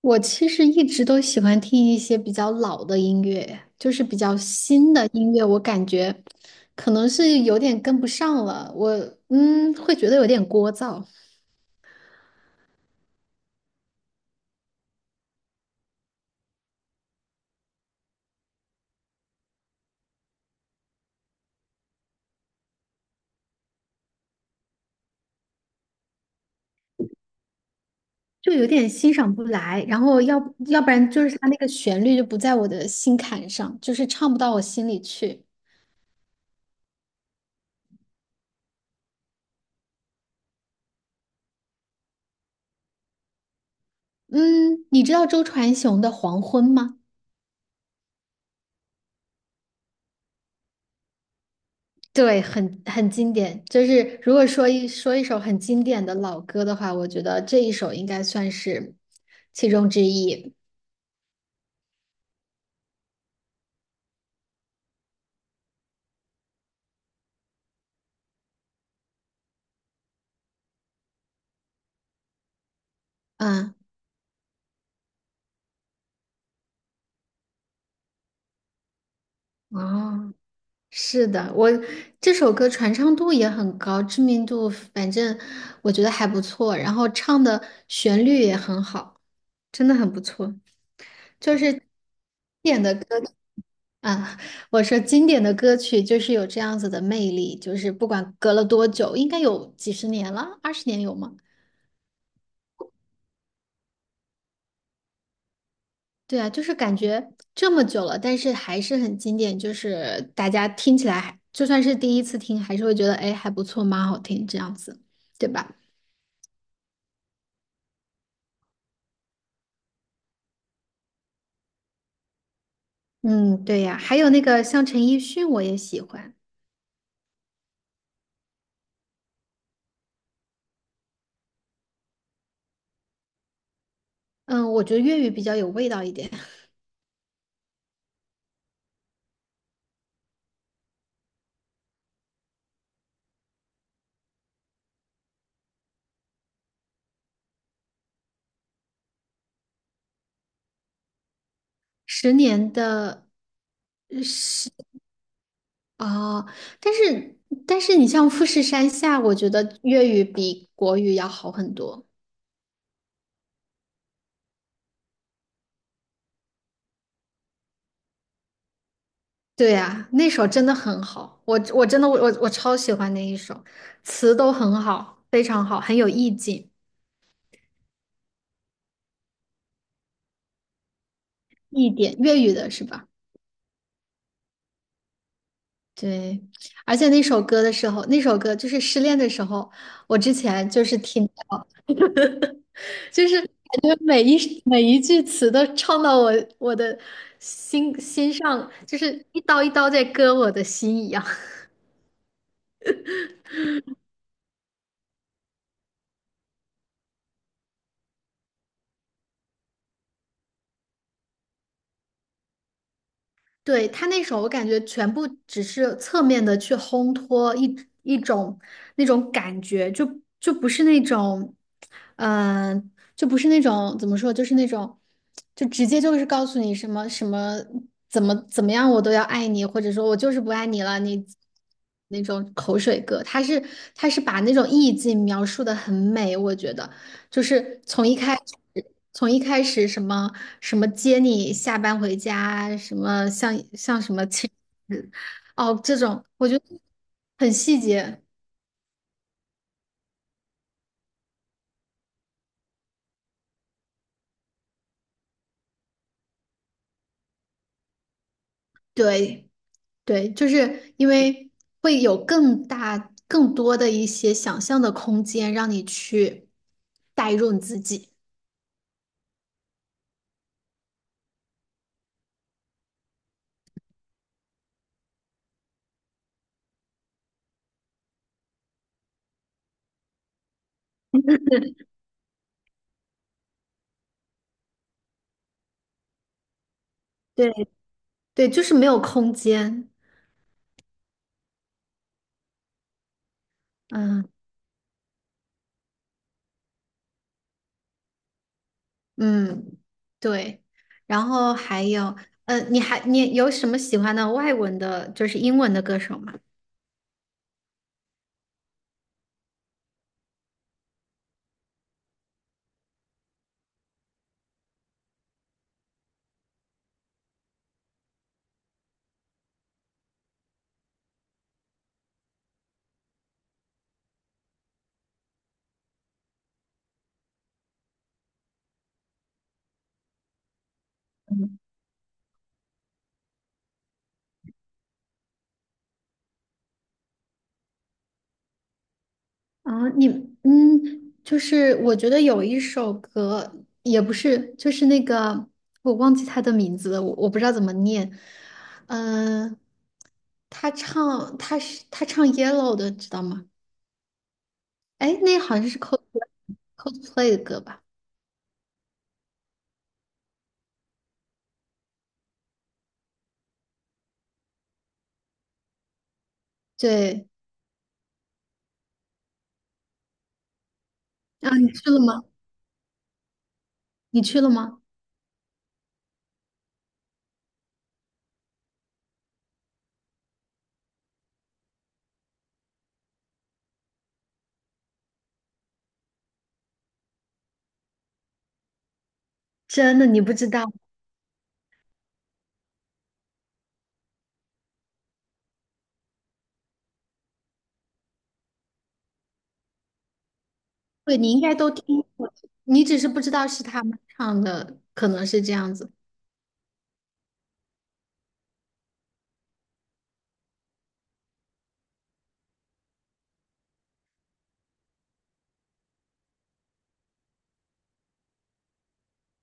我其实一直都喜欢听一些比较老的音乐，就是比较新的音乐，我感觉可能是有点跟不上了。我会觉得有点聒噪，就有点欣赏不来。然后要不然就是它那个旋律就不在我的心坎上，就是唱不到我心里去。嗯，你知道周传雄的《黄昏》吗？对，很经典。就是如果说一首很经典的老歌的话，我觉得这一首应该算是其中之一。嗯，哦，是的，我这首歌传唱度也很高，知名度反正我觉得还不错，然后唱的旋律也很好，真的很不错。就是经典的歌啊，我说经典的歌曲就是有这样子的魅力，就是不管隔了多久，应该有几十年了，二十年有吗？对啊，就是感觉这么久了，但是还是很经典，就是大家听起来还就算是第一次听，还是会觉得哎还不错，蛮好听这样子，对吧？嗯，对呀，还有那个像陈奕迅，我也喜欢。嗯，我觉得粤语比较有味道一点。十年的，是啊，哦但是但是你像富士山下，我觉得粤语比国语要好很多。对呀，那首真的很好，我真的我超喜欢那一首，词都很好，非常好，很有意境，一点，粤语的是吧？对，而且那首歌的时候，那首歌就是失恋的时候，我之前就是听到，就是感觉每一句词都唱到我的心上，就是一刀一刀在割我的心一样。对，他那首，我感觉全部只是侧面的去烘托一种那种感觉，就不是那种，就不是那种怎么说，就是那种，就直接就是告诉你什么什么怎么样，我都要爱你，或者说我就是不爱你了，你那种口水歌，他是把那种意境描述的很美，我觉得。就是从一开始，从一开始什么什么接你下班回家，什么像什么亲，哦，这种我觉得很细节。对对，就是因为会有更大、更多的一些想象的空间，让你去代入你自己。对对，就是没有空间。嗯。嗯，对，然后还有，你有什么喜欢的外文的，就是英文的歌手吗？啊，你嗯，就是我觉得有一首歌，也不是，就是那个我忘记他的名字了，我不知道怎么念，嗯、呃他唱他唱《Yellow》的，知道吗？哎，那好像是 Coldplay Coldplay 的歌吧？对，啊，你去了吗？你去了吗？真的，你不知道。对，你应该都听过，你只是不知道是他们唱的，可能是这样子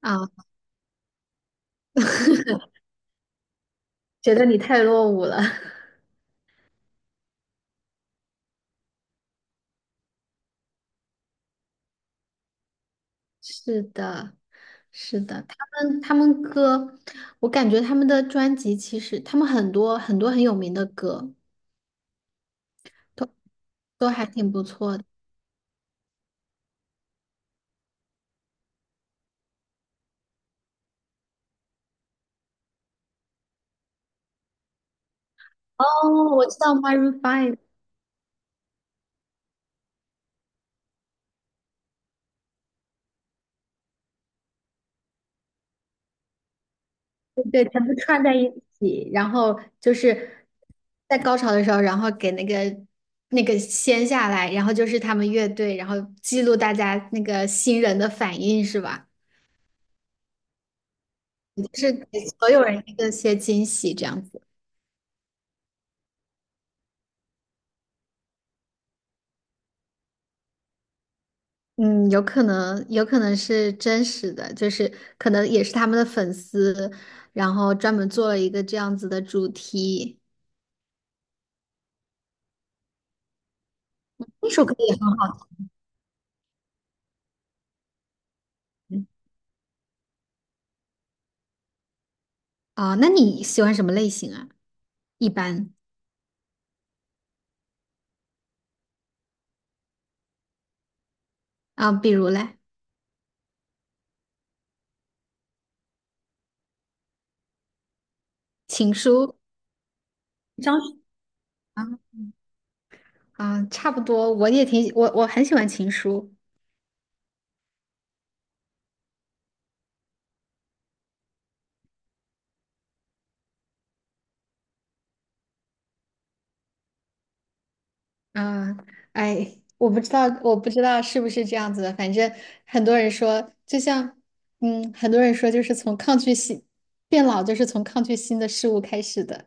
啊，觉得你太落伍了。是的，是的，他们歌，我感觉他们的专辑其实他们很多很有名的歌都都还挺不错的。哦，我知道 m y r e o o n d 对，全部串在一起，然后就是在高潮的时候，然后给那个掀下来，然后就是他们乐队，然后记录大家那个新人的反应，是吧？就是给所有人一个些惊喜，这样子。嗯，有可能，有可能是真实的，就是可能也是他们的粉丝，然后专门做了一个这样子的主题。那首歌也很好听啊，那你喜欢什么类型啊？一般啊，比如嘞？情书张学啊啊，差不多，我也挺我我很喜欢情书啊，哎，我不知道是不是这样子的，反正很多人说，就像嗯，很多人说就是从抗拒新变老，就是从抗拒新的事物开始的。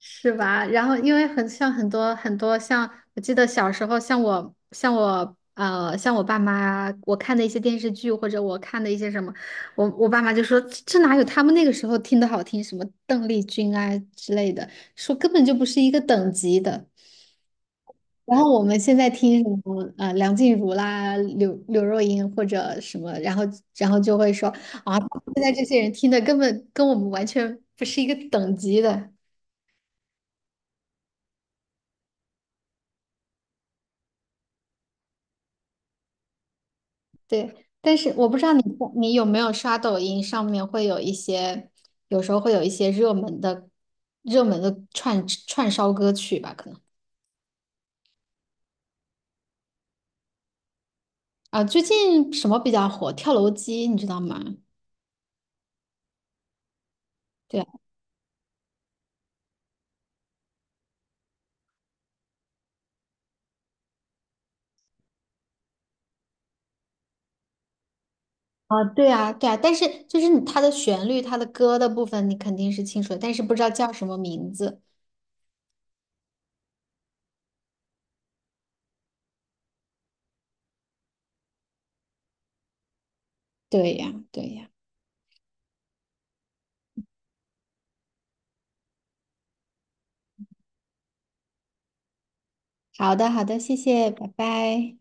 是吧？然后因为很像很多很多像，我记得小时候像我呃像我爸妈，我看的一些电视剧或者我看的一些什么，我爸妈就说这哪有他们那个时候听的好听，什么邓丽君啊之类的，说根本就不是一个等级的。然后我们现在听什么啊呃梁静茹啦、刘若英或者什么，然后就会说啊，现在这些人听的根本跟我们完全不是一个等级的。对，但是我不知道你有没有刷抖音，上面会有一些，有时候会有一些热门的、热门的串烧歌曲吧，可能啊，最近什么比较火？跳楼机，你知道吗？对啊，啊，对啊，对啊，但是就是你它的旋律、它的歌的部分，你肯定是清楚的，但是不知道叫什么名字。对呀，对呀。好的，好的，谢谢，拜拜。